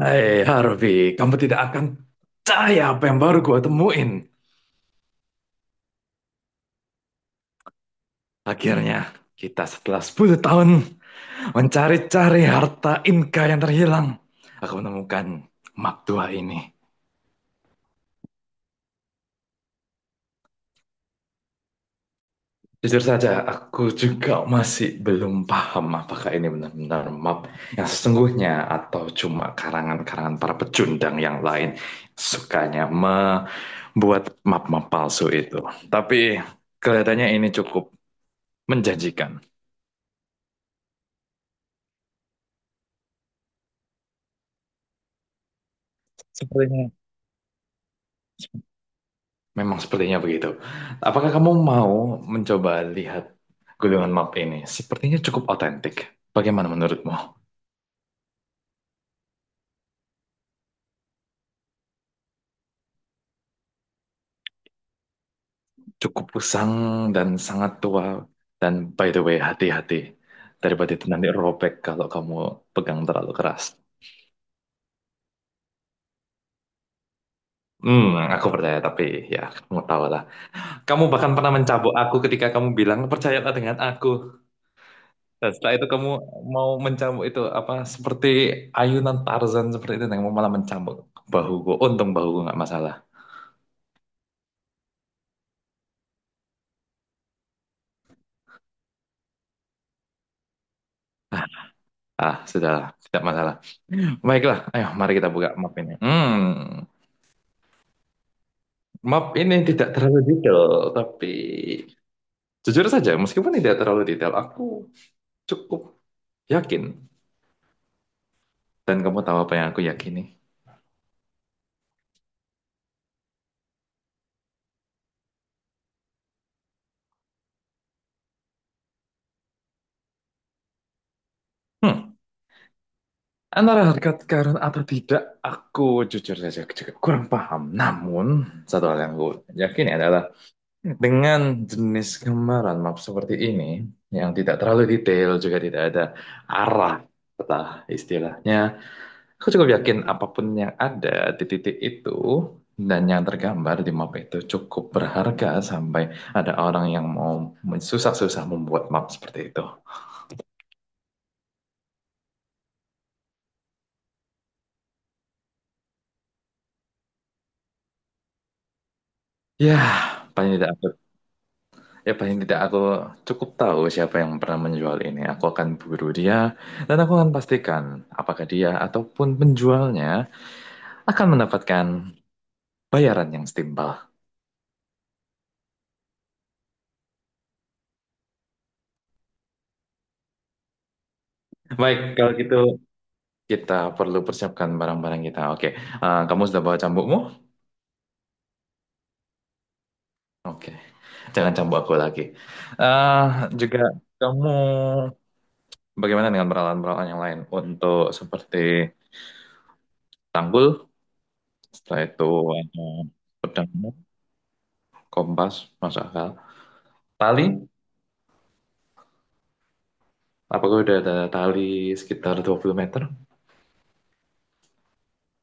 Hai Harvey, kamu tidak akan percaya apa yang baru gua temuin. Akhirnya, kita setelah 10 tahun mencari-cari harta Inka yang terhilang, aku menemukan map tua ini. Jujur saja, aku juga masih belum paham apakah ini benar-benar map yang sesungguhnya atau cuma karangan-karangan para pecundang yang lain sukanya membuat map-map palsu itu. Tapi kelihatannya ini cukup menjanjikan. Sepertinya Memang sepertinya begitu. Apakah kamu mau mencoba lihat gulungan map ini? Sepertinya cukup otentik. Bagaimana menurutmu? Cukup usang dan sangat tua. Dan by the way, hati-hati. Daripada itu nanti robek kalau kamu pegang terlalu keras. Aku percaya, tapi ya kamu tahu lah. Kamu bahkan pernah mencabok aku ketika kamu bilang, percayalah dengan aku. Dan setelah itu kamu mau mencambuk itu apa seperti ayunan Tarzan seperti itu yang mau malah mencambuk bahuku. Untung bahuku nggak masalah. Ah, sudahlah, tidak masalah. Baiklah, ayo mari kita buka map ini. Map ini tidak terlalu detail, tapi jujur saja meskipun tidak terlalu detail, aku cukup yakin dan kamu tahu apa yang aku yakini. Hmm, antara harga karun atau tidak, aku jujur saja juga kurang paham. Namun, satu hal yang aku yakini adalah dengan jenis gambaran map seperti ini, yang tidak terlalu detail, juga tidak ada arah peta istilahnya, aku cukup yakin apapun yang ada di titik itu dan yang tergambar di map itu cukup berharga sampai ada orang yang mau susah-susah membuat map seperti itu. Ya, paling tidak aku, paling tidak aku cukup tahu siapa yang pernah menjual ini. Aku akan buru dia dan aku akan pastikan apakah dia ataupun penjualnya akan mendapatkan bayaran yang setimpal. Baik, kalau gitu kita perlu persiapkan barang-barang kita. Oke. Kamu sudah bawa cambukmu? Oke, jangan cambuk aku lagi. Eh juga kamu bagaimana dengan peralatan-peralatan yang lain untuk seperti tanggul, setelah itu ada pedangmu, kompas, masuk akal. Tali, apakah udah ada tali sekitar 20 meter?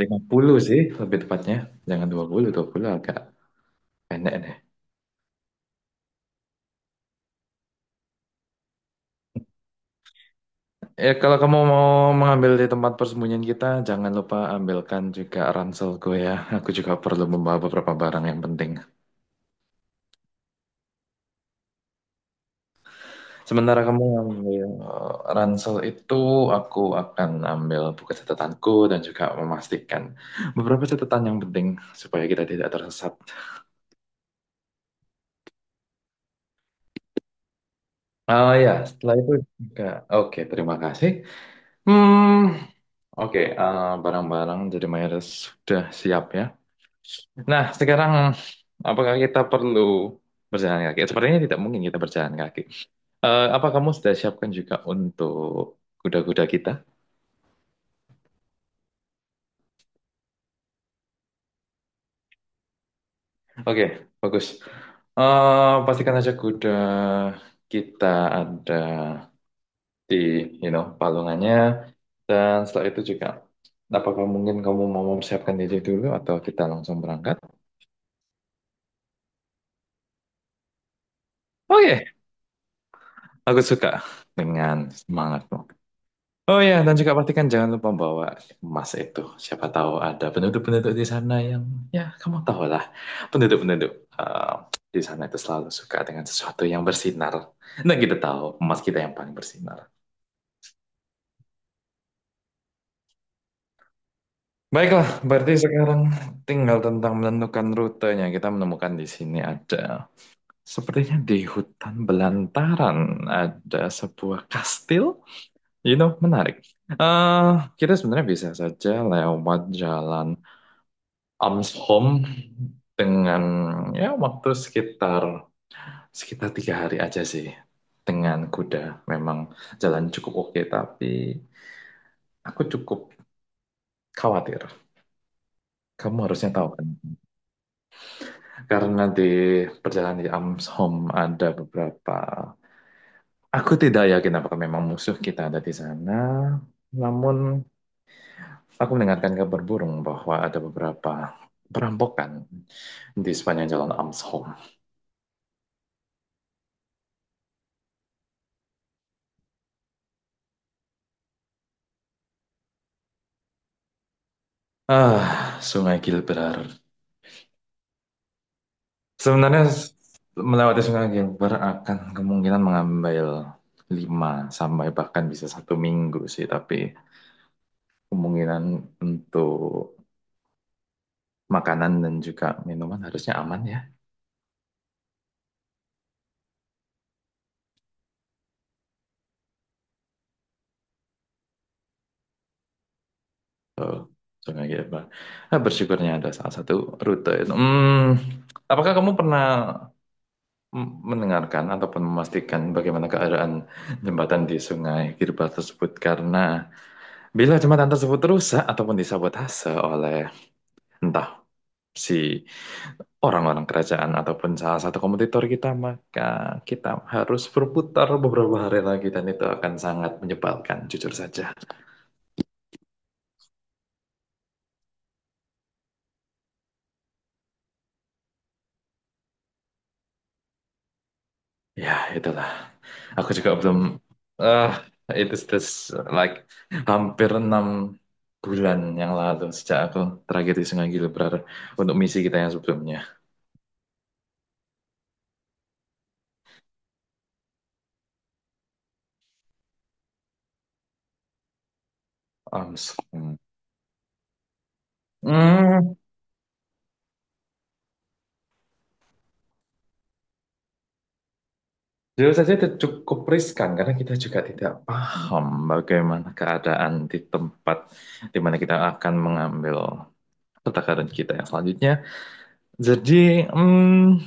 50 sih lebih tepatnya. Jangan 20, 20 agak pendek deh. Ya, kalau kamu mau mengambil di tempat persembunyian kita, jangan lupa ambilkan juga ranselku ya. Aku juga perlu membawa beberapa barang yang penting. Sementara kamu ambil ransel itu, aku akan ambil buku catatanku dan juga memastikan beberapa catatan yang penting supaya kita tidak tersesat. Oh ya, setelah itu juga. Oke, terima kasih. Hmm, oke, barang-barang jadi mayoritas sudah siap ya. Nah, sekarang apakah kita perlu berjalan kaki? Sepertinya tidak mungkin kita berjalan kaki. Apa kamu sudah siapkan juga untuk kuda-kuda kita? Oke, bagus. Pastikan saja kuda kita ada di palungannya. Dan setelah itu juga, apakah mungkin kamu mau mempersiapkan diri dulu atau kita langsung berangkat? Oke, aku suka dengan semangatmu. Oh ya, dan juga pastikan jangan lupa bawa emas itu. Siapa tahu ada penduduk-penduduk di sana yang, ya kamu tahu lah, penduduk-penduduk eh, di sana itu selalu suka dengan sesuatu yang bersinar. Dan kita tahu emas kita yang paling bersinar. Baiklah, berarti sekarang tinggal tentang menentukan rutenya. Kita menemukan di sini ada, sepertinya di hutan belantaran ada sebuah kastil. Menarik. eh kita sebenarnya bisa saja lewat jalan Ams home dengan ya waktu sekitar sekitar 3 hari aja sih dengan kuda. Memang jalan cukup oke, tapi aku cukup khawatir. Kamu harusnya tahu kan, karena di perjalanan di Ams home ada beberapa. Aku tidak yakin apakah memang musuh kita ada di sana, namun aku mendengarkan kabar burung bahwa ada beberapa perampokan di sepanjang jalan Amshom. Ah, Sungai Gilbert. Sebenarnya melewati Sungai Gilbert akan kemungkinan mengambil 5 sampai bahkan bisa 1 minggu sih, tapi kemungkinan untuk makanan dan juga minuman harusnya aman ya. Oh, Sungai Gilbert. Ah, bersyukurnya ada salah satu rute itu. Apakah kamu pernah mendengarkan ataupun memastikan bagaimana keadaan jembatan di Sungai Gilbert tersebut? Karena bila jembatan tersebut rusak ataupun disabotase oleh entah si orang-orang kerajaan ataupun salah satu kompetitor kita, maka kita harus berputar beberapa hari lagi dan itu akan sangat menyebalkan, jujur saja. Ya, itulah. Aku juga belum, ah it is this, like, hampir 6 bulan yang lalu sejak aku tragedi Sungai Gilbrar untuk misi kita yang sebelumnya. Hmm. Hmm, jujur saja itu cukup riskan karena kita juga tidak paham bagaimana keadaan di tempat di mana kita akan mengambil pertakaran kita yang selanjutnya. Jadi,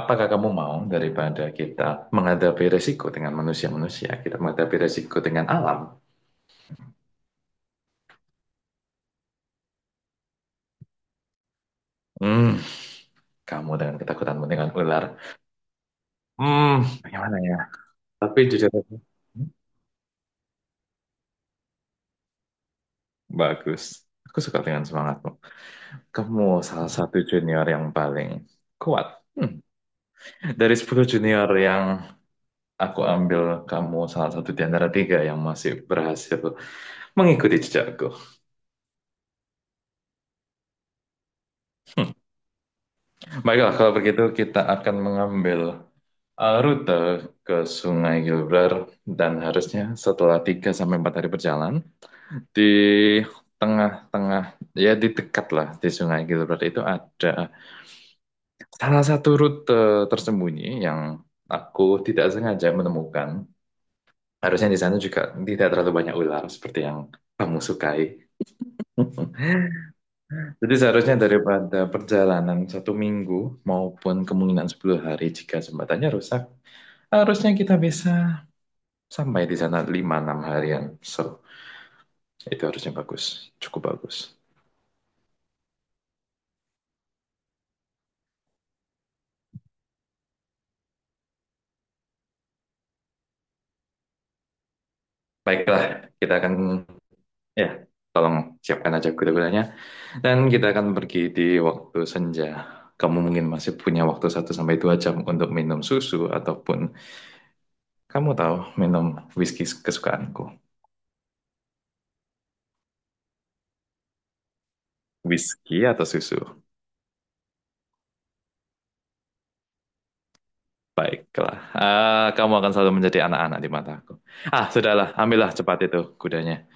apakah kamu mau daripada kita menghadapi resiko dengan manusia-manusia, kita menghadapi resiko dengan alam? Hmm, kamu dengan ketakutanmu dengan ular. Bagaimana ya? Tapi jujur, Hmm, bagus. Aku suka dengan semangatmu. Kamu salah satu junior yang paling kuat. Hmm. Dari 10 junior yang aku ambil, kamu salah satu di antara tiga yang masih berhasil mengikuti jejakku. Baiklah, kalau begitu kita akan mengambil rute ke Sungai Gilbrar dan harusnya setelah 3 sampai 4 hari berjalan di tengah-tengah ya di dekat lah di Sungai Gilbrar itu ada salah satu rute tersembunyi yang aku tidak sengaja menemukan. Harusnya di sana juga tidak terlalu banyak ular seperti yang kamu sukai. Jadi seharusnya daripada perjalanan 1 minggu maupun kemungkinan 10 hari jika jembatannya rusak, harusnya kita bisa sampai di sana 5 6 harian. So, itu harusnya bagus. Cukup bagus. Baiklah, kita akan ya tolong siapkan aja kuda-kudanya. Dan kita akan pergi di waktu senja. Kamu mungkin masih punya waktu 1 sampai 2 jam untuk minum susu ataupun kamu tahu minum whisky kesukaanku. Whisky atau susu? Baiklah. Ah, kamu akan selalu menjadi anak-anak di mataku. Ah, sudahlah. Ambillah cepat itu kudanya.